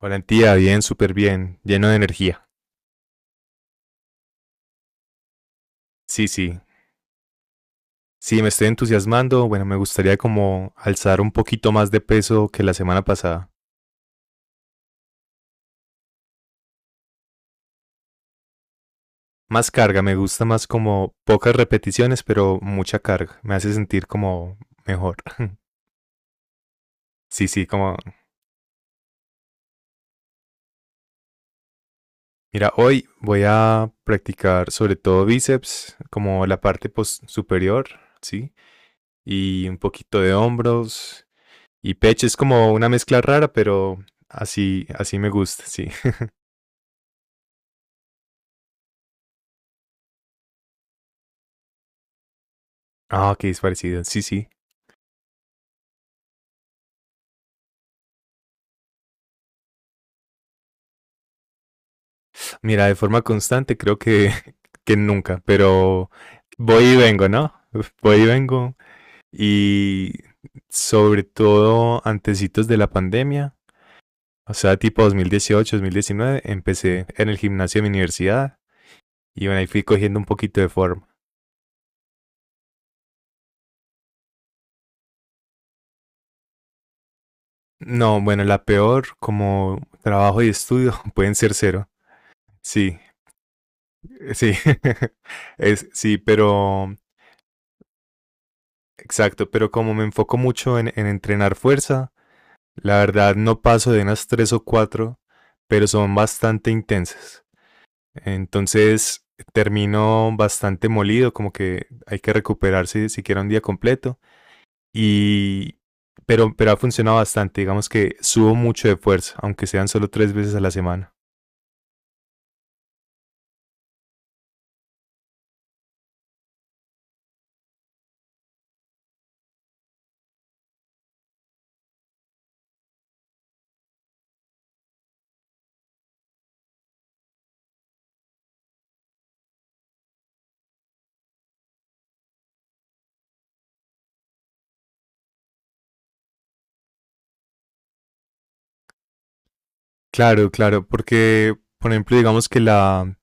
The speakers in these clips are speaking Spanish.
Valentía, bien, súper bien, lleno de energía. Sí, sí. Sí, me estoy entusiasmando. Bueno, me gustaría como alzar un poquito más de peso que la semana pasada. Más carga, me gusta más como pocas repeticiones, pero mucha carga. Me hace sentir como mejor. Sí, sí, como, mira, hoy voy a practicar sobre todo bíceps, como la parte post superior, ¿sí? Y un poquito de hombros y pecho. Es como una mezcla rara, pero así, así me gusta, sí. Ah, ok, es parecido. Sí, sí. Mira, de forma constante creo que, que nunca, pero voy y vengo, ¿no? Voy y vengo. Y sobre todo antecitos de la pandemia, o sea, tipo 2018, 2019, empecé en el gimnasio de mi universidad y bueno, ahí fui cogiendo un poquito de forma. No, bueno, la peor como trabajo y estudio pueden ser cero. Sí, sí, es, sí, pero exacto, pero como me enfoco mucho en entrenar fuerza. La verdad no paso de unas tres o cuatro, pero son bastante intensas. Entonces termino bastante molido, como que hay que recuperarse siquiera un día completo. Y pero ha funcionado bastante, digamos que subo mucho de fuerza, aunque sean solo tres veces a la semana. Claro, claro, porque por ejemplo, digamos que la,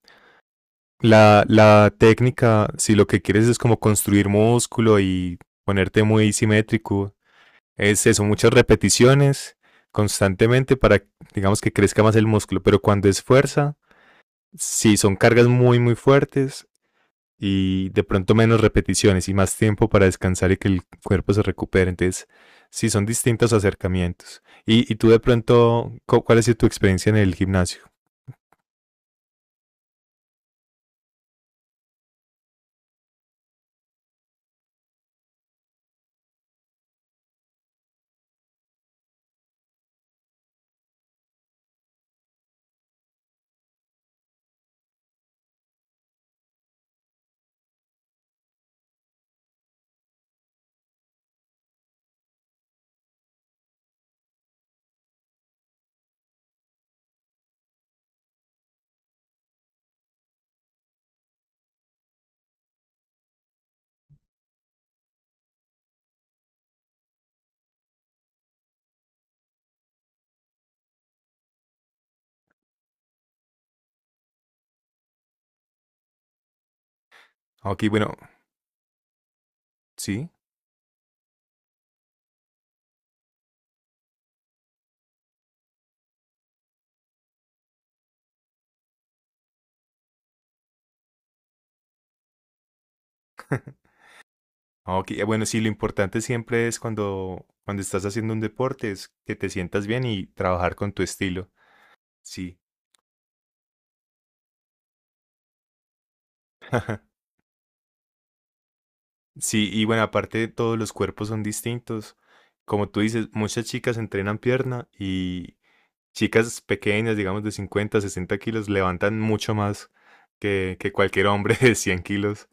la, la técnica, si lo que quieres es como construir músculo y ponerte muy simétrico, es eso, muchas repeticiones constantemente para, digamos, que crezca más el músculo, pero cuando es fuerza, sí, son cargas muy, muy fuertes y de pronto menos repeticiones y más tiempo para descansar y que el cuerpo se recupere. Entonces, sí, son distintos acercamientos. Y tú de pronto, ¿cuál ha sido tu experiencia en el gimnasio? Ok, bueno, sí. Ok, bueno, sí, lo importante siempre es cuando estás haciendo un deporte, es que te sientas bien y trabajar con tu estilo. Sí. Sí, y bueno, aparte todos los cuerpos son distintos. Como tú dices, muchas chicas entrenan pierna y chicas pequeñas, digamos de 50-60 kilos, levantan mucho más que cualquier hombre de 100 kilos.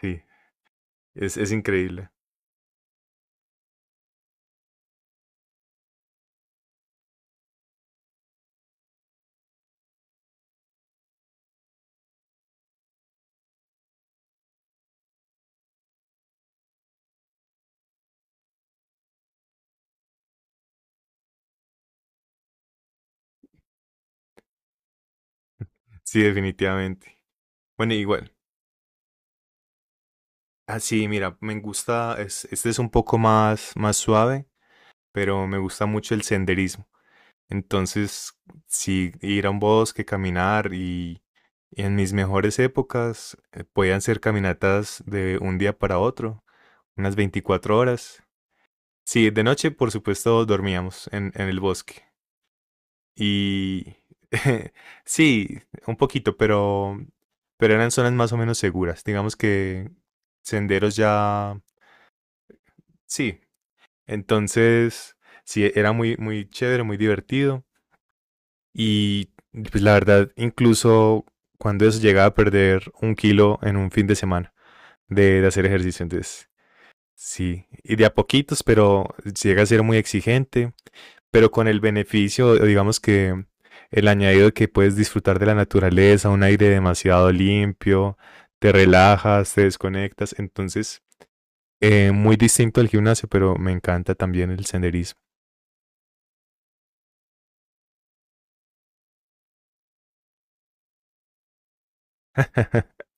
Sí, es increíble. Sí, definitivamente. Bueno, igual. Ah, sí, mira, me gusta, este es un poco más, más suave, pero me gusta mucho el senderismo. Entonces, sí, ir a un bosque, caminar y en mis mejores épocas podían ser caminatas de un día para otro, unas 24 horas. Sí, de noche, por supuesto, dormíamos en el bosque. Y sí, un poquito, pero eran zonas más o menos seguras. Digamos que senderos ya. Sí, entonces, sí, era muy, muy chévere, muy divertido. Y pues la verdad, incluso cuando eso llegaba a perder un kilo en un fin de semana. De hacer ejercicio. Entonces, sí, y de a poquitos, pero llega a ser muy exigente, pero con el beneficio, o digamos que el añadido de que puedes disfrutar de la naturaleza, un aire demasiado limpio, te relajas, te desconectas. Entonces, muy distinto al gimnasio, pero me encanta también el senderismo.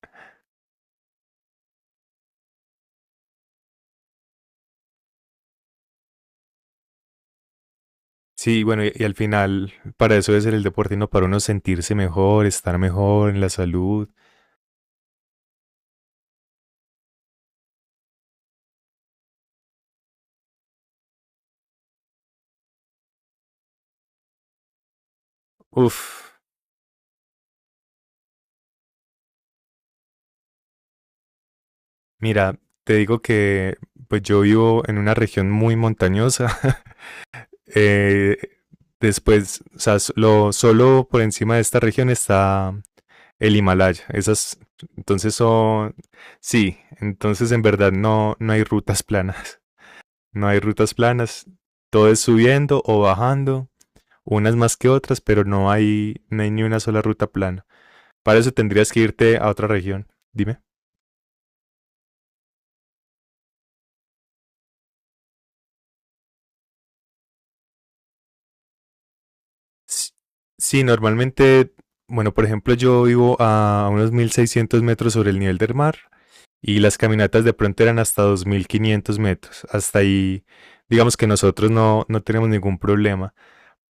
Sí, bueno, y al final, para eso es el deporte, ¿no? Para uno sentirse mejor, estar mejor en la salud. Uf, mira, te digo que pues yo vivo en una región muy montañosa. Eh, Después, o sea, solo por encima de esta región está el Himalaya. Esas, entonces son, sí, entonces en verdad no hay rutas planas. No hay rutas planas. Todo es subiendo o bajando, unas más que otras, pero no hay ni una sola ruta plana. Para eso tendrías que irte a otra región. Dime. S- Sí, normalmente, bueno, por ejemplo, yo vivo a unos 1600 metros sobre el nivel del mar y las caminatas de pronto eran hasta 2500 metros. Hasta ahí, digamos que nosotros no tenemos ningún problema.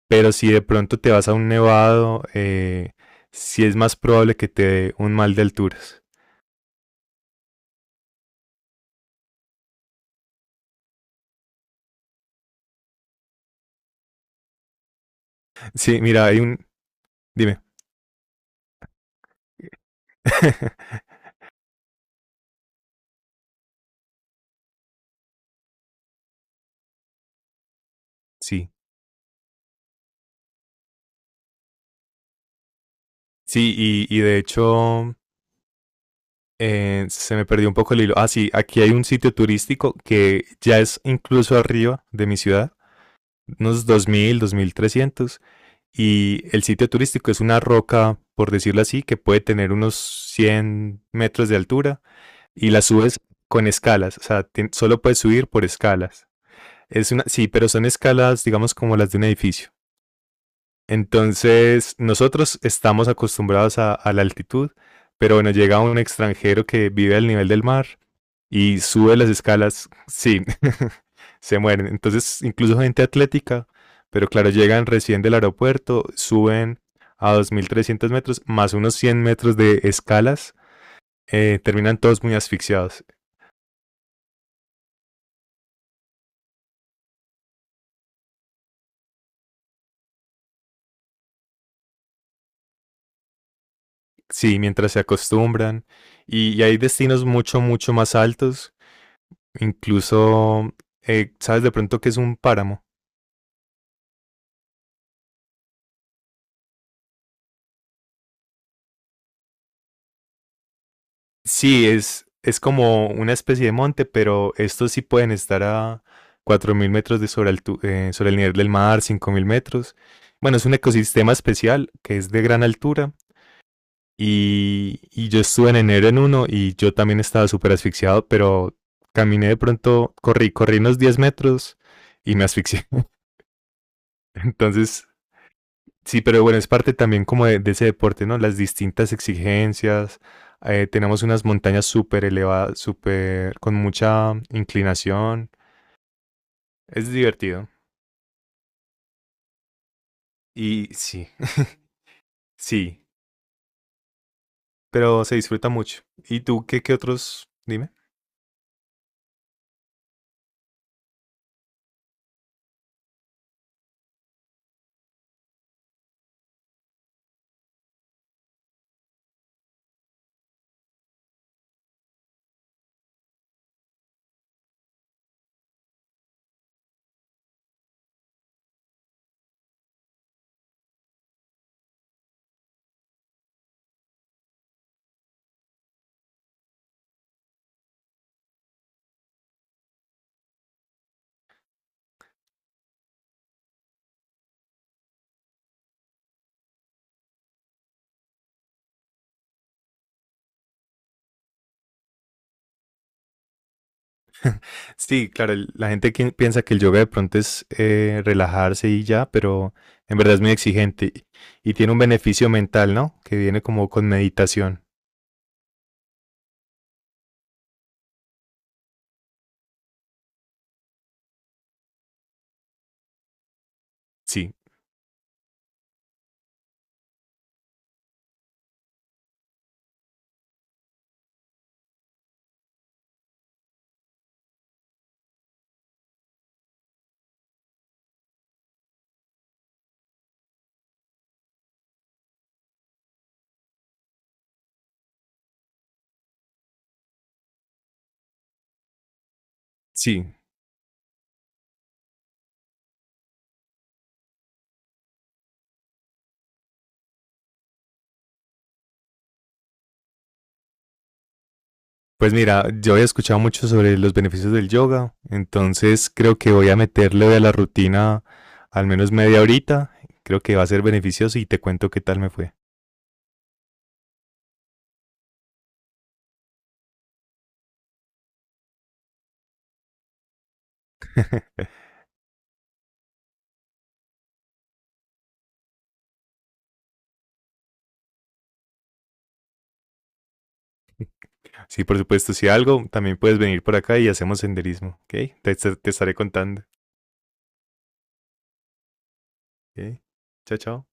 Pero si de pronto te vas a un nevado, sí es más probable que te dé un mal de alturas. Sí, mira, hay un. Dime. Sí, sí, y de hecho, se me perdió un poco el hilo. Ah, sí, aquí hay un sitio turístico que ya es incluso arriba de mi ciudad, unos 2000, 2300. Y el sitio turístico es una roca, por decirlo así, que puede tener unos 100 metros de altura y la subes con escalas. O sea, solo puedes subir por escalas. Es una, sí, pero son escalas, digamos, como las de un edificio. Entonces, nosotros estamos acostumbrados a la altitud, pero bueno, llega un extranjero que vive al nivel del mar y sube las escalas, sí, se mueren. Entonces, incluso gente atlética, pero claro, llegan recién del aeropuerto, suben a 2300 metros, más unos 100 metros de escalas, terminan todos muy asfixiados. Sí, mientras se acostumbran. Y hay destinos mucho, mucho más altos. Incluso, ¿sabes de pronto que es un páramo? Sí, es como una especie de monte, pero estos sí pueden estar a 4000 metros de sobre el nivel del mar, 5000 metros. Bueno, es un ecosistema especial que es de gran altura y yo estuve en enero en uno y yo también estaba súper asfixiado, pero caminé de pronto, corrí unos 10 metros y me asfixié. Entonces, sí, pero bueno, es parte también como de ese deporte, ¿no? Las distintas exigencias. Tenemos unas montañas súper elevadas, súper con mucha inclinación. Es divertido. Y sí, sí, pero se disfruta mucho. ¿Y tú qué, otros? Dime. Sí, claro, la gente que piensa que el yoga de pronto es relajarse y ya, pero en verdad es muy exigente y tiene un beneficio mental, ¿no? Que viene como con meditación. Sí, sí. Pues mira, yo había escuchado mucho sobre los beneficios del yoga, entonces creo que voy a meterle de la rutina al menos media horita. Creo que va a ser beneficioso y te cuento qué tal me fue. Sí, por supuesto, si algo, también puedes venir por acá y hacemos senderismo, ¿ok? Te estaré contando, ¿ok? Chao, chao.